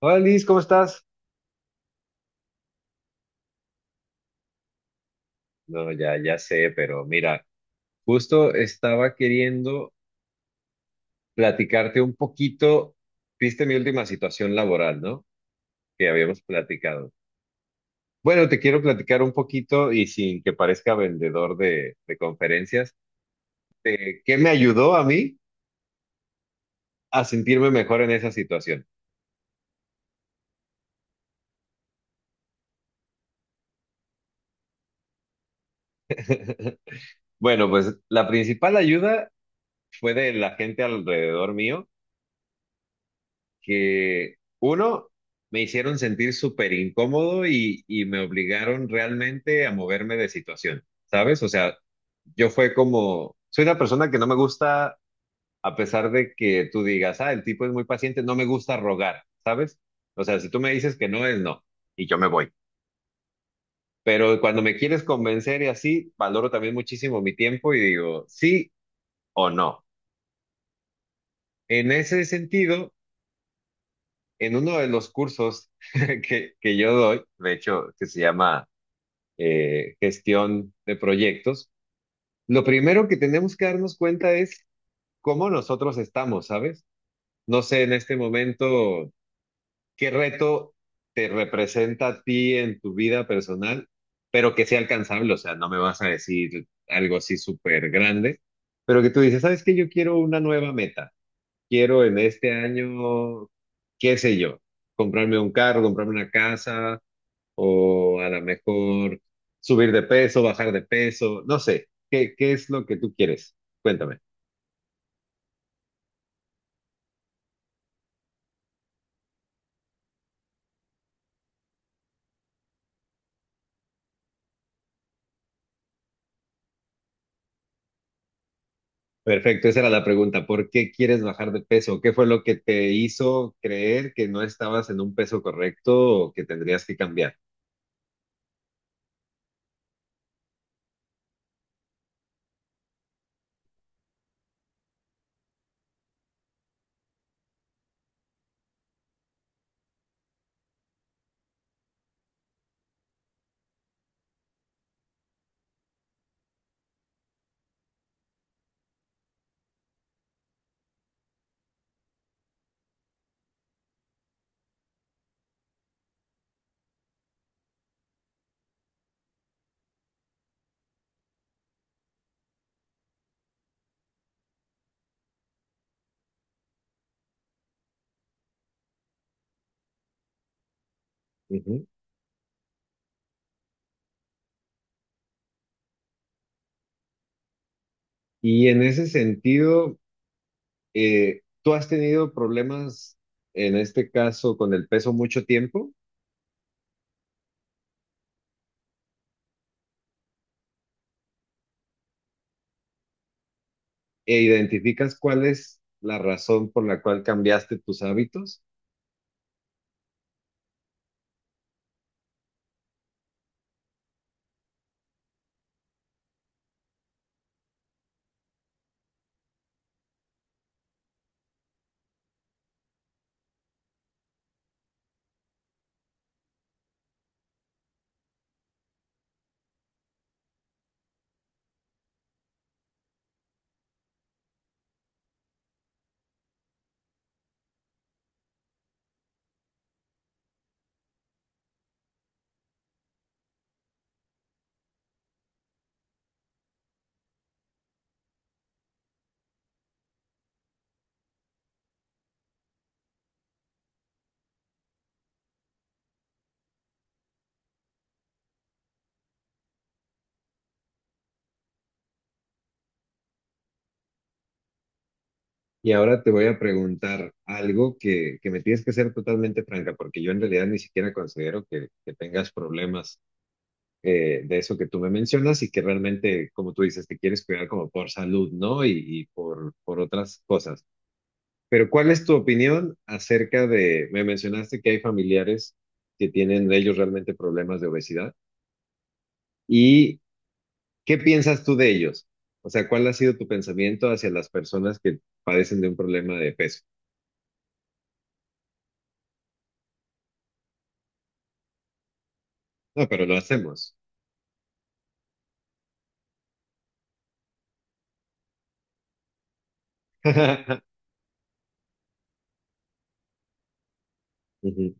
Hola Liz, ¿cómo estás? No, ya, ya sé, pero mira, justo estaba queriendo platicarte un poquito, viste mi última situación laboral, ¿no? Que habíamos platicado. Bueno, te quiero platicar un poquito y sin que parezca vendedor de conferencias, ¿qué me ayudó a mí a sentirme mejor en esa situación? Bueno, pues la principal ayuda fue de la gente alrededor mío que uno, me hicieron sentir súper incómodo y me obligaron realmente a moverme de situación, ¿sabes? O sea, yo fue como, soy una persona que no me gusta, a pesar de que tú digas, ah, el tipo es muy paciente, no me gusta rogar, ¿sabes? O sea, si tú me dices que no es no, y yo me voy. Pero cuando me quieres convencer y así, valoro también muchísimo mi tiempo y digo, sí o no. En ese sentido, en uno de los cursos que yo doy, de hecho, que se llama gestión de proyectos, lo primero que tenemos que darnos cuenta es cómo nosotros estamos, ¿sabes? No sé en este momento qué reto te representa a ti en tu vida personal, pero que sea alcanzable, o sea, no me vas a decir algo así súper grande, pero que tú dices, ¿sabes qué? Yo quiero una nueva meta quiero en este año, qué sé yo, comprarme un carro, comprarme una casa o a lo mejor subir de peso, bajar de peso, no sé, ¿qué es lo que tú quieres? Cuéntame. Perfecto, esa era la pregunta. ¿Por qué quieres bajar de peso? ¿Qué fue lo que te hizo creer que no estabas en un peso correcto o que tendrías que cambiar? Ujú. Y en ese sentido, ¿tú has tenido problemas, en este caso, con el peso mucho tiempo? E identificas cuál es la razón por la cual cambiaste tus hábitos. Y ahora te voy a preguntar algo que me tienes que ser totalmente franca, porque yo en realidad ni siquiera considero que tengas problemas de eso que tú me mencionas y que realmente, como tú dices, te quieres cuidar como por salud, ¿no? Y por otras cosas. Pero ¿cuál es tu opinión acerca de, me mencionaste que hay familiares que tienen ellos realmente problemas de obesidad y ¿qué piensas tú de ellos? O sea, ¿cuál ha sido tu pensamiento hacia las personas que padecen de un problema de peso? No, pero lo hacemos. Ujú.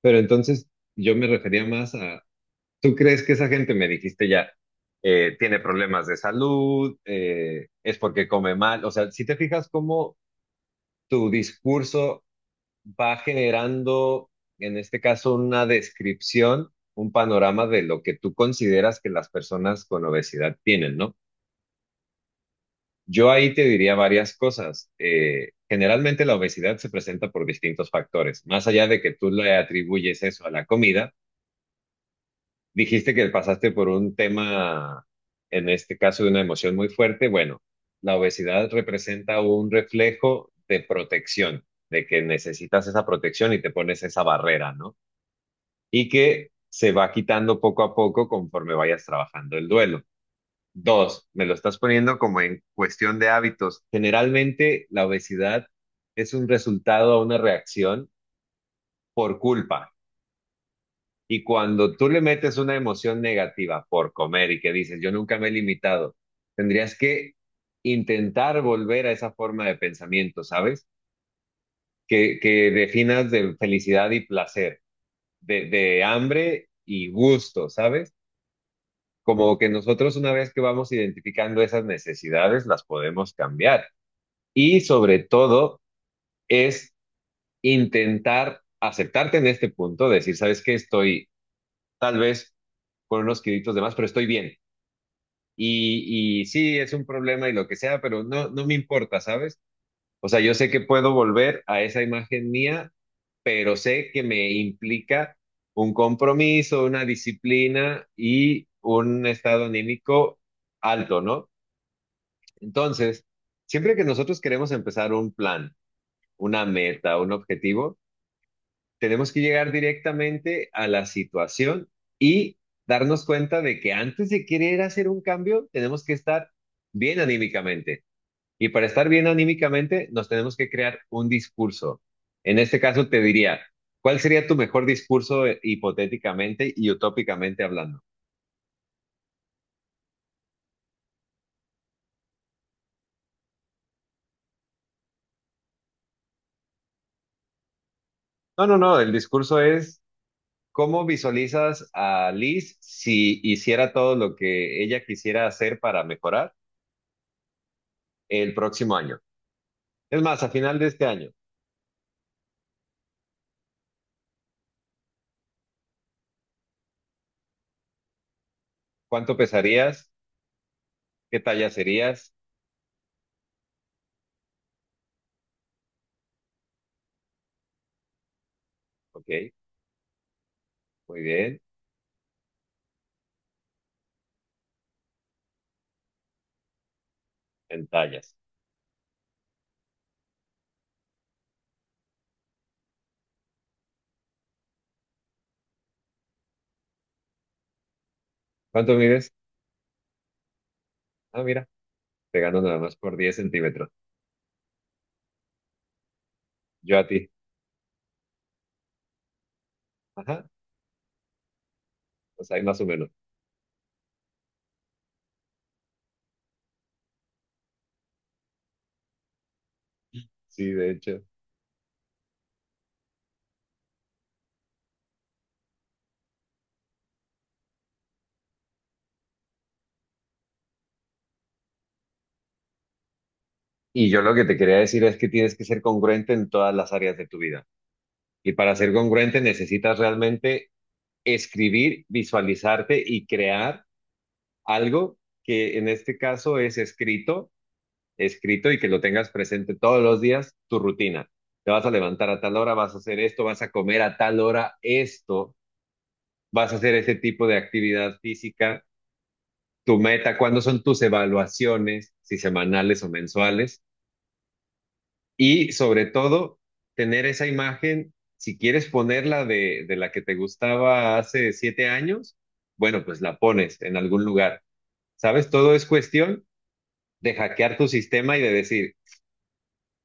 Pero entonces yo me refería más a, ¿tú crees que esa gente, me dijiste ya, tiene problemas de salud, es porque come mal? O sea, si te fijas cómo tu discurso va generando, en este caso, una descripción, un panorama de lo que tú consideras que las personas con obesidad tienen, ¿no? Yo ahí te diría varias cosas. Generalmente la obesidad se presenta por distintos factores. Más allá de que tú le atribuyes eso a la comida, dijiste que pasaste por un tema, en este caso, de una emoción muy fuerte. Bueno, la obesidad representa un reflejo de protección, de que necesitas esa protección y te pones esa barrera, ¿no? Y que se va quitando poco a poco conforme vayas trabajando el duelo. Dos, me lo estás poniendo como en cuestión de hábitos. Generalmente la obesidad es un resultado a una reacción por culpa. Y cuando tú le metes una emoción negativa por comer y que dices, yo nunca me he limitado, tendrías que intentar volver a esa forma de pensamiento, ¿sabes? Que definas de felicidad y placer, de hambre y gusto, ¿sabes? Como que nosotros una vez que vamos identificando esas necesidades, las podemos cambiar. Y sobre todo es intentar aceptarte en este punto, decir, sabes que estoy tal vez con unos kilitos de más, pero estoy bien. Y sí, es un problema y lo que sea, pero no, no me importa, ¿sabes? O sea, yo sé que puedo volver a esa imagen mía, pero sé que me implica un compromiso, una disciplina y un estado anímico alto, ¿no? Entonces, siempre que nosotros queremos empezar un plan, una meta, un objetivo, tenemos que llegar directamente a la situación y darnos cuenta de que antes de querer hacer un cambio, tenemos que estar bien anímicamente. Y para estar bien anímicamente, nos tenemos que crear un discurso. En este caso, te diría, ¿cuál sería tu mejor discurso hipotéticamente y utópicamente hablando? No, no, no, el discurso es cómo visualizas a Liz si hiciera todo lo que ella quisiera hacer para mejorar el próximo año. Es más, a final de este año. ¿Cuánto pesarías? ¿Qué talla serías? Ok, muy bien, en tallas. ¿Cuánto mides? Ah, mira, te gano nada más por 10 cm. Yo a ti. Ajá, pues ahí más o menos. Sí, de hecho. Y yo lo que te quería decir es que tienes que ser congruente en todas las áreas de tu vida. Y para ser congruente necesitas realmente escribir, visualizarte y crear algo que en este caso es escrito y que lo tengas presente todos los días, tu rutina. Te vas a levantar a tal hora, vas a hacer esto, vas a comer a tal hora esto, vas a hacer ese tipo de actividad física, tu meta, cuándo son tus evaluaciones, si semanales o mensuales, y sobre todo, tener esa imagen, si quieres ponerla de la que te gustaba hace 7 años, bueno, pues la pones en algún lugar. ¿Sabes? Todo es cuestión de hackear tu sistema y de decir,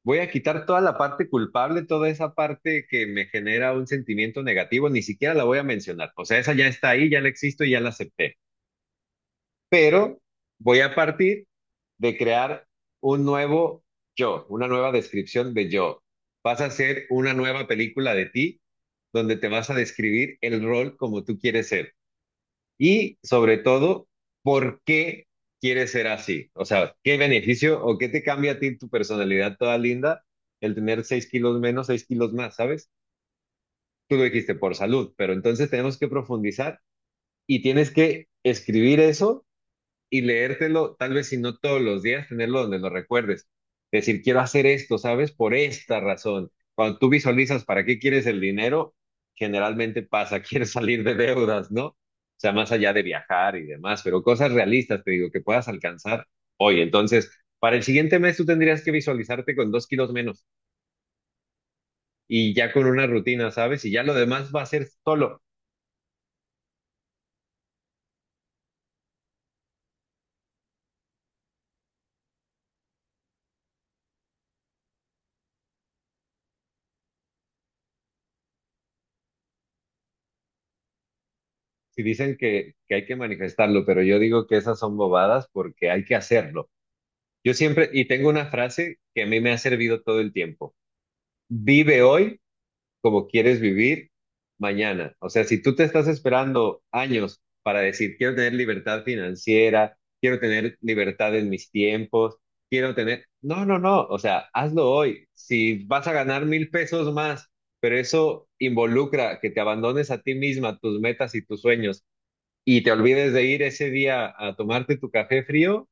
voy a quitar toda la parte culpable, toda esa parte que me genera un sentimiento negativo, ni siquiera la voy a mencionar. O sea, esa ya está ahí, ya la existo y ya la acepté. Pero voy a partir de crear un nuevo yo, una nueva descripción de yo. Vas a hacer una nueva película de ti donde te vas a describir el rol como tú quieres ser. Y sobre todo, ¿por qué quieres ser así? O sea, ¿qué beneficio o qué te cambia a ti tu personalidad toda linda el tener 6 kilos menos, 6 kilos más, ¿sabes? Tú lo dijiste por salud, pero entonces tenemos que profundizar y tienes que escribir eso y leértelo, tal vez si no todos los días, tenerlo donde lo recuerdes. Decir, quiero hacer esto, ¿sabes? Por esta razón. Cuando tú visualizas para qué quieres el dinero, generalmente pasa, quieres salir de deudas, ¿no? O sea, más allá de viajar y demás, pero cosas realistas, te digo, que puedas alcanzar hoy. Entonces, para el siguiente mes tú tendrías que visualizarte con 2 kilos menos y ya con una rutina, ¿sabes? Y ya lo demás va a ser solo. Si dicen que hay que manifestarlo, pero yo digo que esas son bobadas porque hay que hacerlo. Yo siempre, y tengo una frase que a mí me ha servido todo el tiempo. Vive hoy como quieres vivir mañana. O sea, si tú te estás esperando años para decir, quiero tener libertad financiera, quiero tener libertad en mis tiempos, quiero tener... No, no, no. O sea, hazlo hoy. Si vas a ganar 1000 pesos más, pero eso involucra que te abandones a ti misma, tus metas y tus sueños y te olvides de ir ese día a tomarte tu café frío,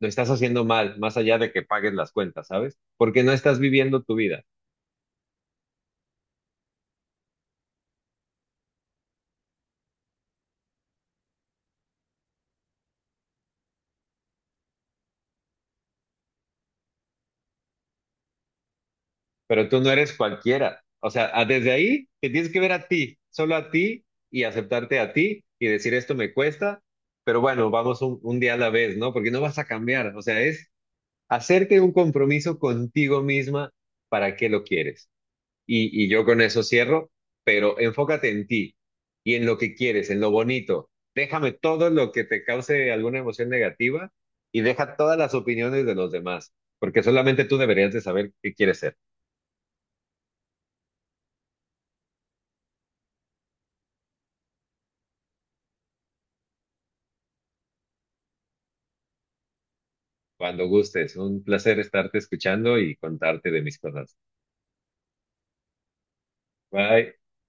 lo estás haciendo mal, más allá de que pagues las cuentas, ¿sabes? Porque no estás viviendo tu vida, pero tú no eres cualquiera. O sea, a- desde ahí te tienes que ver a ti, solo a ti y aceptarte a ti y decir esto me cuesta, pero bueno, vamos un día a la vez, ¿no? Porque no vas a cambiar. O sea, es hacerte un compromiso contigo misma para qué lo quieres. Y, y yo con eso cierro, pero enfócate en ti y en lo que quieres, en lo bonito. Déjame todo lo que te cause alguna emoción negativa y deja todas las opiniones de los demás, porque solamente tú deberías de saber qué quieres ser. Cuando gustes, un placer estarte escuchando y contarte de mis cosas. Bye.